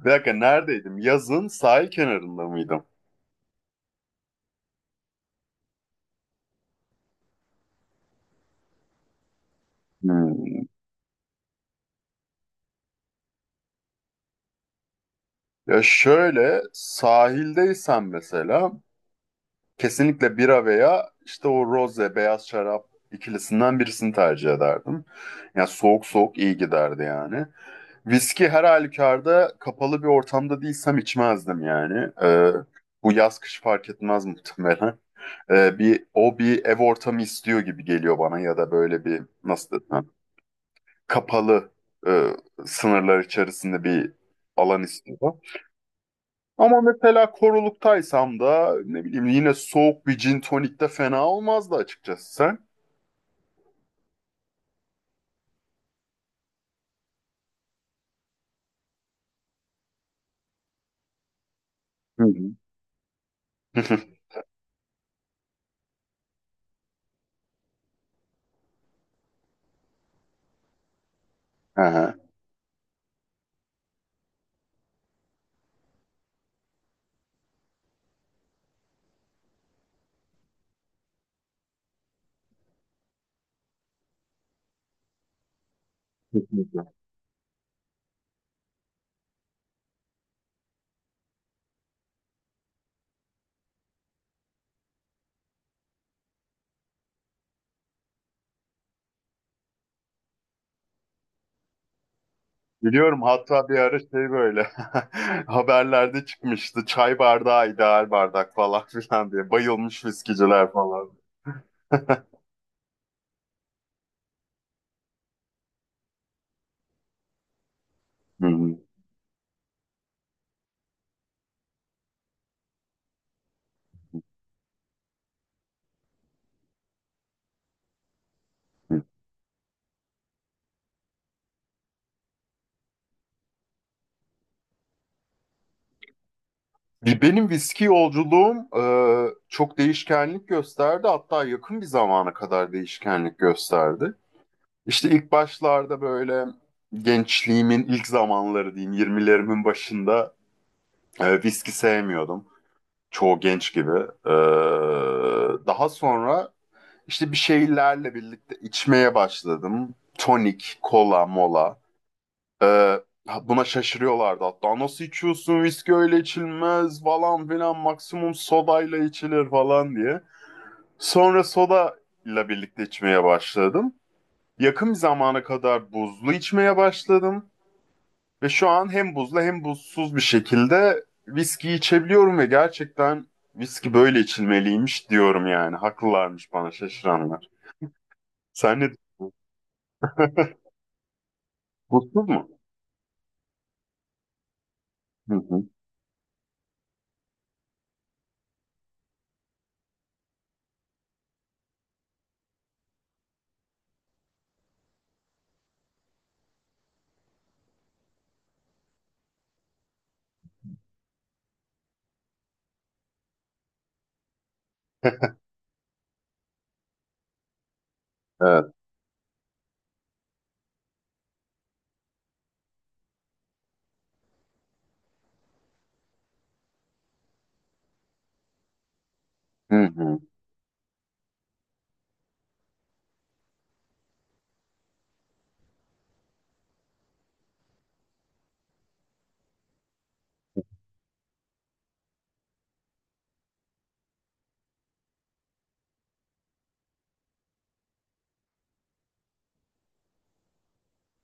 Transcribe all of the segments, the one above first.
Bir dakika neredeydim? Yazın sahil kenarında mıydım? Hmm. Ya şöyle sahildeysen mesela kesinlikle bira veya işte o roze beyaz şarap ikilisinden birisini tercih ederdim. Ya soğuk soğuk iyi giderdi yani. Viski her halükarda kapalı bir ortamda değilsem içmezdim yani. Bu yaz kış fark etmez muhtemelen. Bir ev ortamı istiyor gibi geliyor bana ya da böyle bir, nasıl desem, kapalı, e, sınırlar içerisinde bir alan istiyor. Ama mesela koruluktaysam da ne bileyim yine soğuk bir gin tonik de fena olmazdı, açıkçası sen. Hı hı. Aha, kesinlikle. Biliyorum, hatta bir ara şey, böyle haberlerde çıkmıştı, çay bardağı ideal bardak falan filan diye bayılmış viskiciler falan. Hı hı. Benim viski yolculuğum çok değişkenlik gösterdi. Hatta yakın bir zamana kadar değişkenlik gösterdi. İşte ilk başlarda böyle, gençliğimin ilk zamanları diyeyim, 20'lerimin başında viski sevmiyordum. Çoğu genç gibi. E, Daha sonra işte bir şeylerle birlikte içmeye başladım. Tonik, kola, mola. Ee, Buna şaşırıyorlardı hatta. Nasıl içiyorsun? Viski öyle içilmez falan filan. Maksimum sodayla içilir falan diye. Sonra soda ile birlikte içmeye başladım. Yakın bir zamana kadar buzlu içmeye başladım. Ve şu an hem buzlu hem buzsuz bir şekilde viski içebiliyorum ve gerçekten viski böyle içilmeliymiş diyorum yani. Haklılarmış bana şaşıranlar. Sen ne düşünüyorsun? Buzsuz mu? Hı hı. Evet. Hı hı.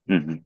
Hı hı.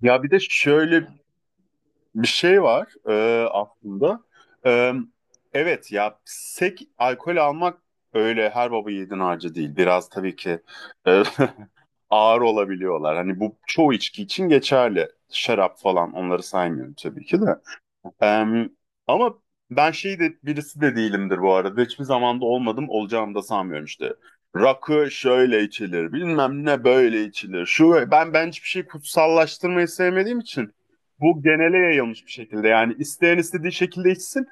Ya, bir de şöyle. Bir şey var aslında. E, evet ya, sek alkol almak öyle her baba yiğidin harcı değil. Biraz tabii ki e, ağır olabiliyorlar. Hani bu çoğu içki için geçerli. Şarap falan, onları saymıyorum tabii ki de. Em, Ama ben şey de birisi de değilimdir bu arada. Hiçbir zamanda olmadım, olacağımı da sanmıyorum işte. Rakı şöyle içilir, bilmem ne böyle içilir. Şu, ben hiçbir şey kutsallaştırmayı sevmediğim için bu genele yayılmış bir şekilde. Yani isteyen istediği şekilde içsin.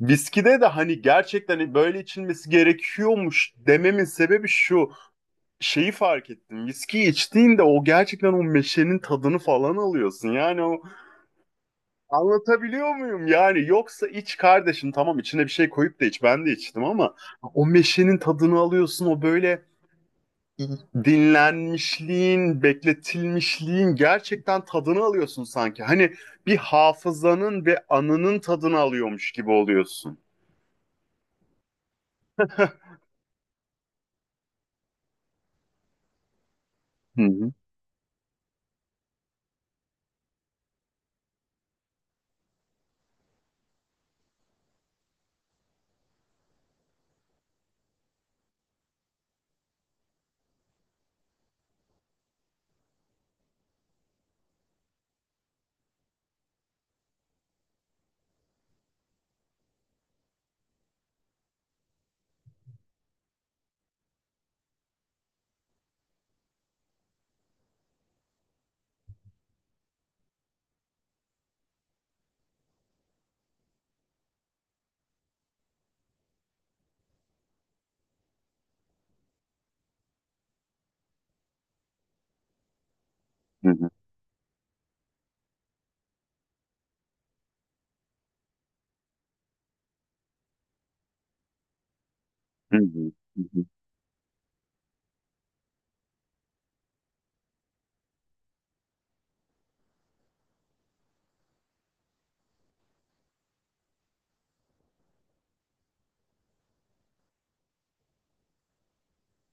Viskide de hani gerçekten böyle içilmesi gerekiyormuş dememin sebebi şu. Şeyi fark ettim. Viski içtiğinde o gerçekten o meşenin tadını falan alıyorsun. Yani o. Anlatabiliyor muyum? Yani yoksa, iç kardeşim, tamam, içine bir şey koyup da iç, ben de içtim, ama o meşenin tadını alıyorsun, o böyle dinlenmişliğin, bekletilmişliğin gerçekten tadını alıyorsun sanki. Hani bir hafızanın ve anının tadını alıyormuş gibi oluyorsun. Hı hı, hı hı, hı hı, hı hı,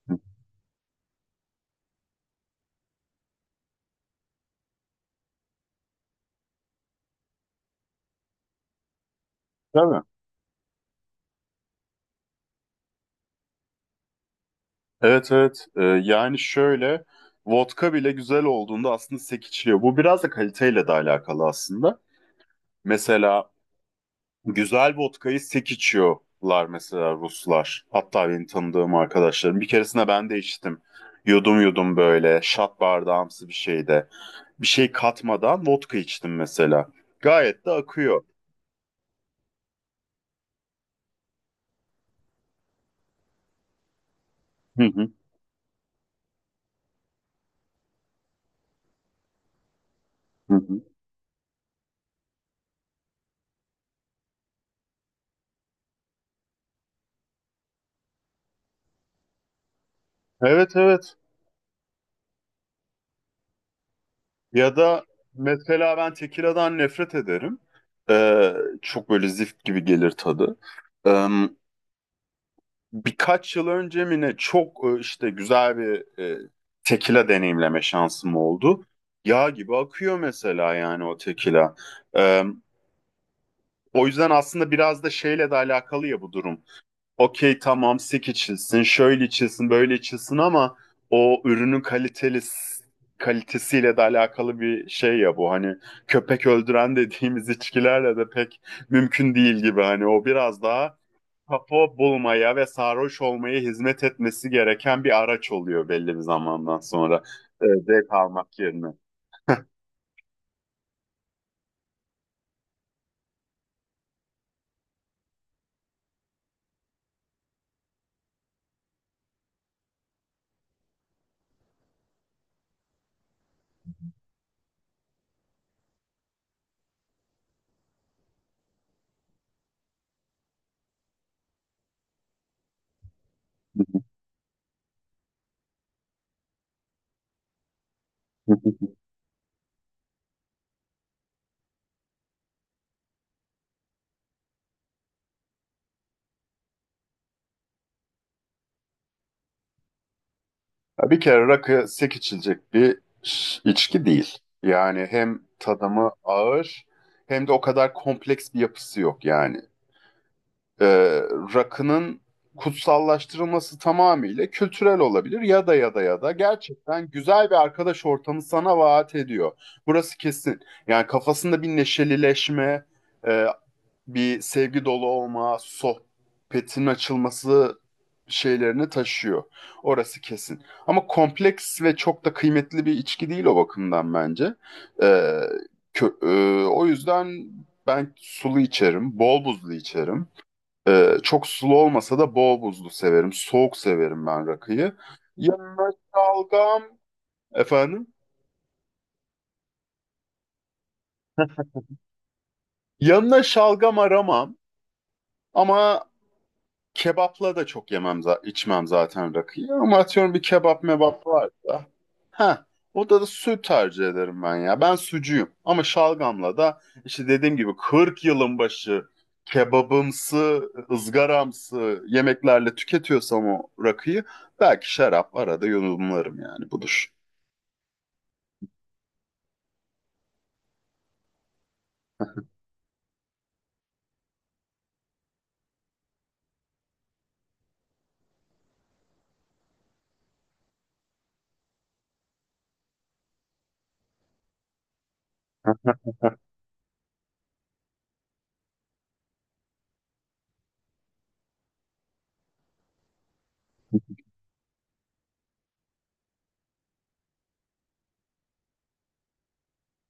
hı. Tabii. Evet, evet. Yani şöyle, vodka bile güzel olduğunda aslında sek içiliyor. Bu biraz da kaliteyle de alakalı aslında. Mesela, güzel vodkayı sek içiyorlar mesela Ruslar. Hatta benim tanıdığım arkadaşlarım. Bir keresinde ben de içtim. Yudum yudum böyle şat bardağımsı bir şeyde. Bir şey katmadan vodka içtim mesela. Gayet de akıyor. Hı hı, hı hı. Evet, evet. Ya da mesela, ben tekiladan nefret ederim. Ee, Çok böyle zift gibi gelir tadı. Ee, Birkaç yıl önce mi ne, çok işte güzel bir tekila deneyimleme şansım oldu. Yağ gibi akıyor mesela yani o tekila. E, O yüzden aslında biraz da şeyle de alakalı ya bu durum. Okey, tamam, sik içilsin, şöyle içilsin, böyle içilsin, ama o ürünün kalitesiyle de alakalı bir şey ya bu. Hani köpek öldüren dediğimiz içkilerle de pek mümkün değil gibi. Hani o biraz daha kafa bulmaya ve sarhoş olmaya hizmet etmesi gereken bir araç oluyor belli bir zamandan sonra. Zevk almak yerine. Ya, bir kere rakı sek içilecek bir içki değil. Yani hem tadımı ağır, hem de o kadar kompleks bir yapısı yok yani. e, Rakının kutsallaştırılması tamamıyla kültürel olabilir, ya da gerçekten güzel bir arkadaş ortamı sana vaat ediyor. Burası kesin. Yani kafasında bir neşelileşme, e, bir sevgi dolu olma, sohbetin açılması şeylerini taşıyor. Orası kesin. Ama kompleks ve çok da kıymetli bir içki değil o bakımdan bence. E, kö- O yüzden ben sulu içerim, bol buzlu içerim. Çok sulu olmasa da bol buzlu severim. Soğuk severim ben rakıyı. Yanına şalgam efendim. Yanına şalgam aramam, ama kebapla da çok yemem, içmem zaten rakıyı. Ama atıyorum, bir kebap mebap varsa. Ha, o da süt tercih ederim ben ya. Ben sucuyum. Ama şalgamla da işte dediğim gibi, 40 yılın başı kebabımsı, ızgaramsı yemeklerle tüketiyorsam o rakıyı, belki şarap arada yudumlarım yani, budur.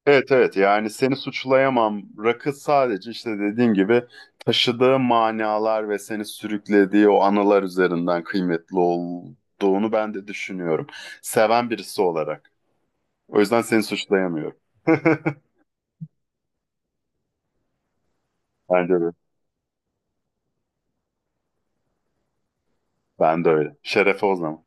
Evet, evet, yani seni suçlayamam. Rakı sadece işte dediğim gibi taşıdığı manalar ve seni sürüklediği o anılar üzerinden kıymetli olduğunu ben de düşünüyorum. Seven birisi olarak. O yüzden seni suçlayamıyorum. Bence de. Ben de öyle. Şerefe o zaman.